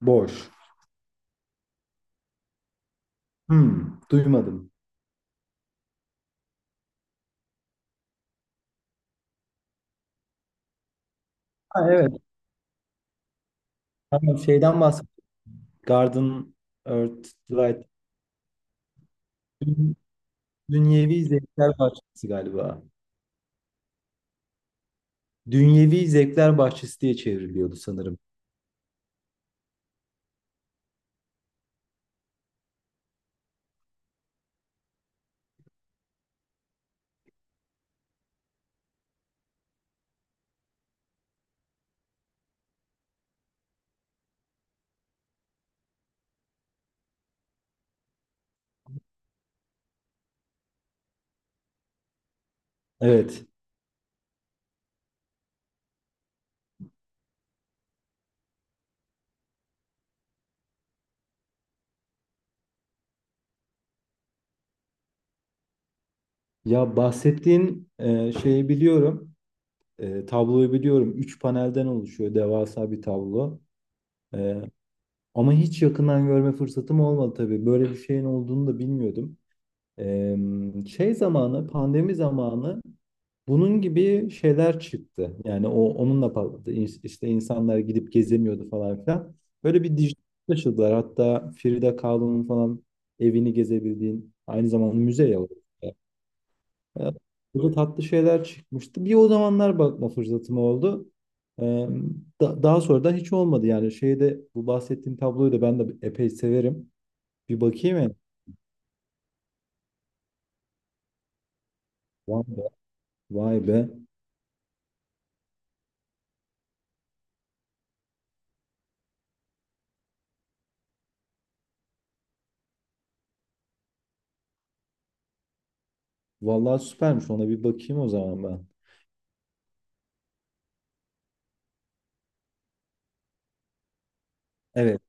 Boş. Duymadım. Ha, evet. Tamam, şeyden bahsettik. Garden, Earth, Light. Dün- Dünyevi Zevkler Bahçesi galiba. Dünyevi Zevkler Bahçesi diye çevriliyordu sanırım. Evet. Ya bahsettiğin şeyi biliyorum. Tabloyu biliyorum. Üç panelden oluşuyor devasa bir tablo. E, Ama hiç yakından görme fırsatım olmadı tabii. Böyle bir şeyin olduğunu da bilmiyordum. E, Şey zamanı, pandemi zamanı bunun gibi şeyler çıktı. Yani o onunla patladı. İşte insanlar gidip gezemiyordu falan filan. Böyle bir dijital taşıdılar. Hatta Frida Kahlo'nun falan evini gezebildiğin aynı zamanda müze ya, orası. Ee, Burada tatlı şeyler çıkmıştı. Bir o zamanlar bakma fırsatım oldu. Ee, Daha sonra da hiç olmadı. Yani şeyde bu bahsettiğim tabloyu da ben de epey severim. Bir bakayım ya. Vay be. Vay be. Vallahi süpermiş. Ona bir bakayım o zaman ben. Evet.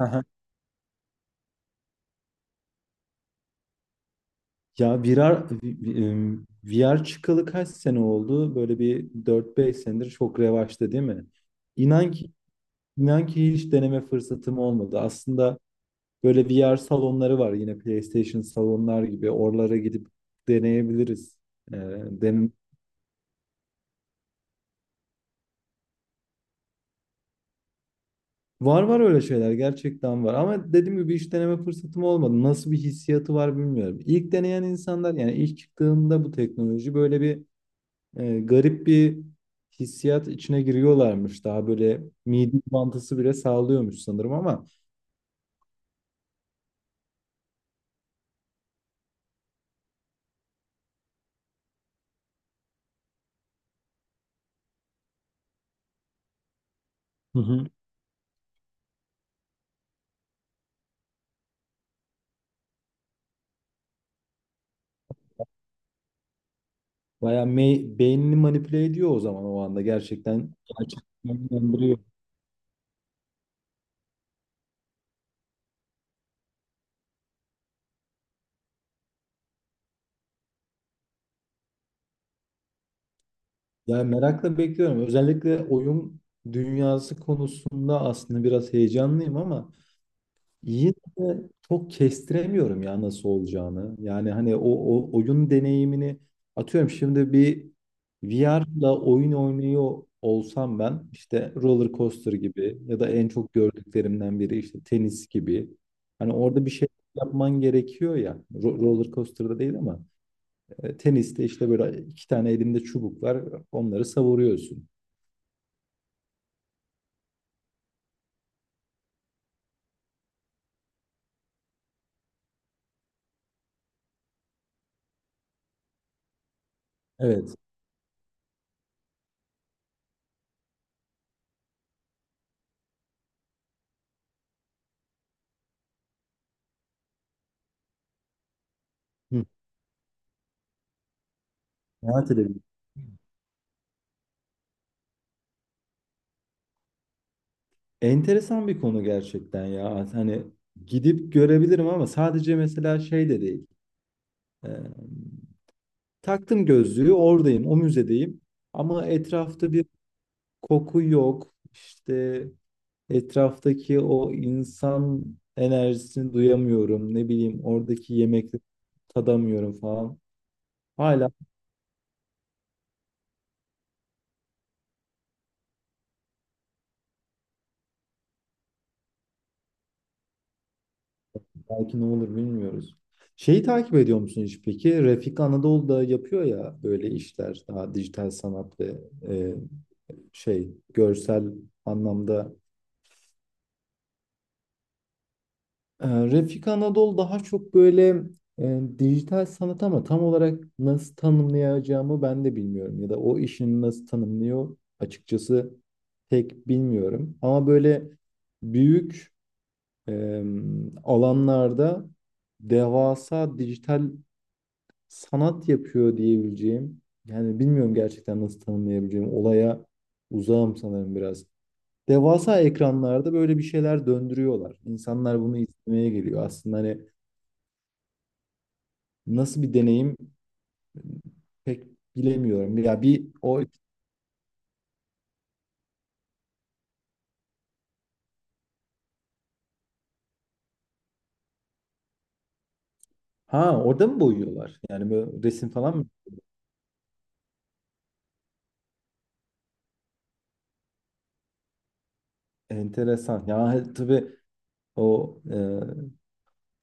Ya VR, VR çıkalı kaç sene oldu? Böyle bir dört beş senedir çok revaçta değil mi? İnan ki, inan ki, hiç deneme fırsatım olmadı. Aslında böyle VR salonları var yine PlayStation salonlar gibi. Oralara gidip deneyebiliriz. Ee, den- Var var, öyle şeyler gerçekten var. Ama dediğim gibi hiç deneme fırsatım olmadı. Nasıl bir hissiyatı var bilmiyorum. İlk deneyen insanlar, yani ilk çıktığında bu teknoloji, böyle bir garip bir hissiyat içine giriyorlarmış. Daha böyle mide bulantısı bile sağlıyormuş sanırım ama hı hı, bayağı beynini manipüle ediyor o zaman o anda, gerçekten gerçekleştiriyor. Yani merakla bekliyorum. Özellikle oyun dünyası konusunda aslında biraz heyecanlıyım ama yine de çok kestiremiyorum ya nasıl olacağını. Yani hani o oyun deneyimini, atıyorum şimdi bir VR'la oyun oynuyor olsam ben, işte roller coaster gibi ya da en çok gördüklerimden biri işte tenis gibi. Hani orada bir şey yapman gerekiyor ya. Roller coaster'da değil ama teniste işte böyle iki tane elinde çubuk var. Onları savuruyorsun. Evet. Hı. Seyahat. Enteresan bir konu gerçekten ya. Hani gidip görebilirim ama sadece mesela şey de değil. Ee, Taktım gözlüğü, oradayım, o müzedeyim. Ama etrafta bir koku yok. İşte etraftaki o insan enerjisini duyamıyorum. Ne bileyim oradaki yemekleri tadamıyorum falan. Hala belki ne olur bilmiyoruz. Şeyi takip ediyor musun hiç peki? Refik Anadolu'da yapıyor ya böyle işler, daha dijital sanat ve e, şey, görsel anlamda. Refik Anadol daha çok böyle dijital sanat, ama tam olarak nasıl tanımlayacağımı ben de bilmiyorum. Ya da o işini nasıl tanımlıyor açıkçası pek bilmiyorum. Ama böyle büyük e, alanlarda devasa dijital sanat yapıyor diyebileceğim. Yani bilmiyorum gerçekten nasıl tanımlayabileceğim. Olaya uzağım sanırım biraz. Devasa ekranlarda böyle bir şeyler döndürüyorlar. İnsanlar bunu izlemeye geliyor. Aslında hani nasıl bir deneyim pek bilemiyorum. Ya bir o, ha, orada mı boyuyorlar? Yani böyle resim falan mı? Enteresan. Ya tabii o e,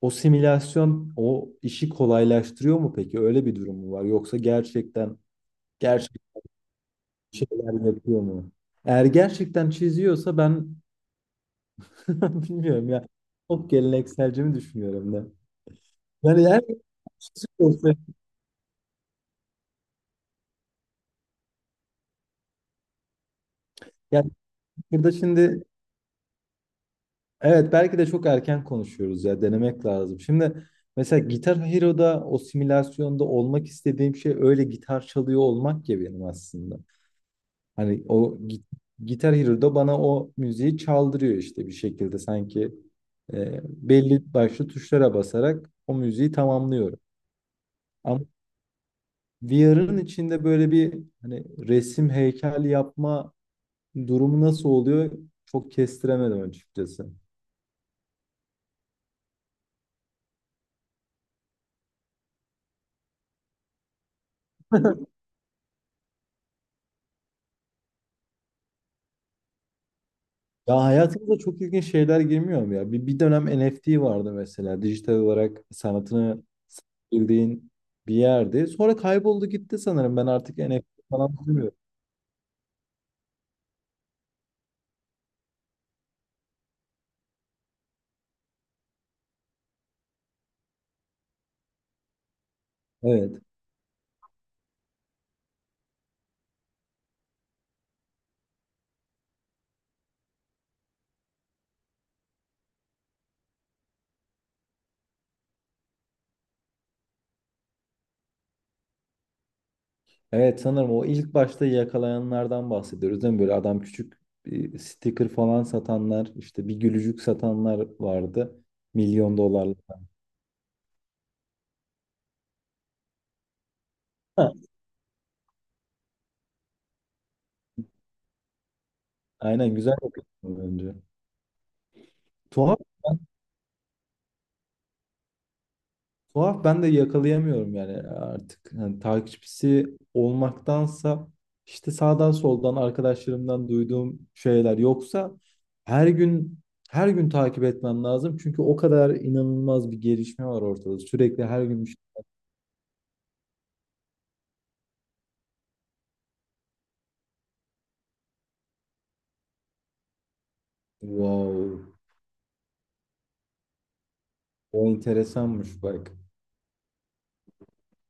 o simülasyon o işi kolaylaştırıyor mu peki? Öyle bir durum mu var? Yoksa gerçekten gerçek şeyler yapıyor mu? Eğer gerçekten çiziyorsa ben bilmiyorum ya. Çok gelenekselci mi düşünüyorum da. Yani her olsa- yani burada şimdi evet, belki de çok erken konuşuyoruz ya, denemek lazım. Şimdi mesela Gitar Hero'da o simülasyonda olmak istediğim şey, öyle gitar çalıyor olmak ya benim aslında. Hani o gi- Gitar Hero'da bana o müziği çaldırıyor işte bir şekilde, sanki belli başlı tuşlara basarak o müziği tamamlıyorum. Ama VR'ın içinde böyle bir, hani resim heykel yapma durumu nasıl oluyor çok kestiremedim açıkçası. Ya hayatımıza çok ilginç şeyler girmiyor mu ya? Bir dönem NFT vardı mesela. Dijital olarak sanatını bildiğin bir yerdi. Sonra kayboldu gitti sanırım. Ben artık NFT falan duymuyorum. Evet. Evet, sanırım o ilk başta yakalayanlardan bahsediyoruz değil mi? Böyle adam küçük bir sticker falan satanlar, işte bir gülücük satanlar vardı. Milyon dolarlık. Ha, aynen, güzel bakıyorsun önce. Tuhaf Tuhaf, ben de yakalayamıyorum yani artık. Hani takipçisi olmaktansa işte sağdan soldan arkadaşlarımdan duyduğum şeyler, yoksa her gün her gün takip etmem lazım. Çünkü o kadar inanılmaz bir gelişme var ortada. Sürekli her gün bir şey. Wow, o enteresanmış bak.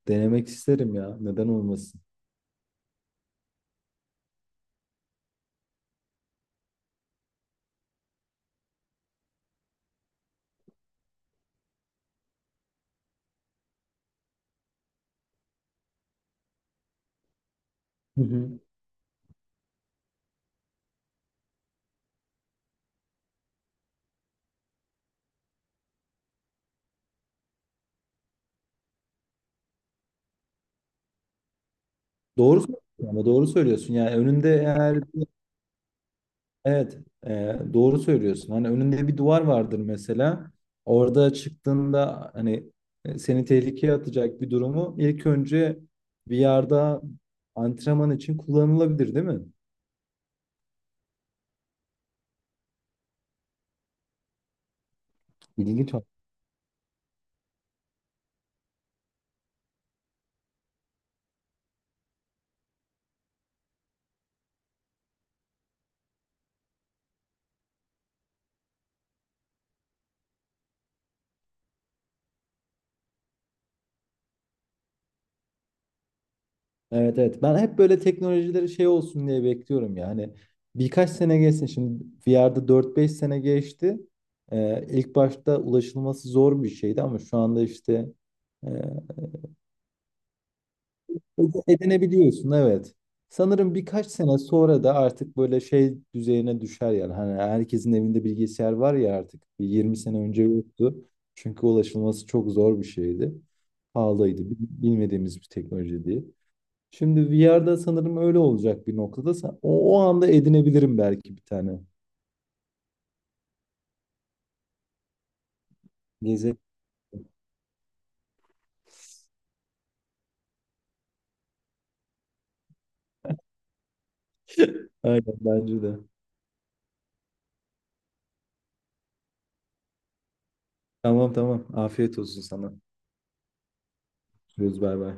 Denemek isterim ya. Neden olmasın? Hı hı. Doğru söylüyorsun. Yani önünde eğer, evet, doğru söylüyorsun. Hani önünde bir duvar vardır mesela. Orada çıktığında hani seni tehlikeye atacak bir durumu ilk önce bir yerde antrenman için kullanılabilir, değil mi? İlginç o. Evet, evet. Ben hep böyle teknolojileri şey olsun diye bekliyorum ya. Hani birkaç sene geçsin. Şimdi VR'da dört beş sene geçti. İlk başta ulaşılması zor bir şeydi ama şu anda işte e, edinebiliyorsun, evet. Sanırım birkaç sene sonra da artık böyle şey düzeyine düşer yani. Hani herkesin evinde bilgisayar var ya artık. Bir 20 sene önce yoktu. Çünkü ulaşılması çok zor bir şeydi. Pahalıydı. Bilmediğimiz bir teknoloji diye. Şimdi VR'da sanırım öyle olacak bir noktada. O anda edinebilirim belki bir tane. Gezi. Aynen bence de. Tamam tamam. Afiyet olsun sana. Görüşürüz, bay bay.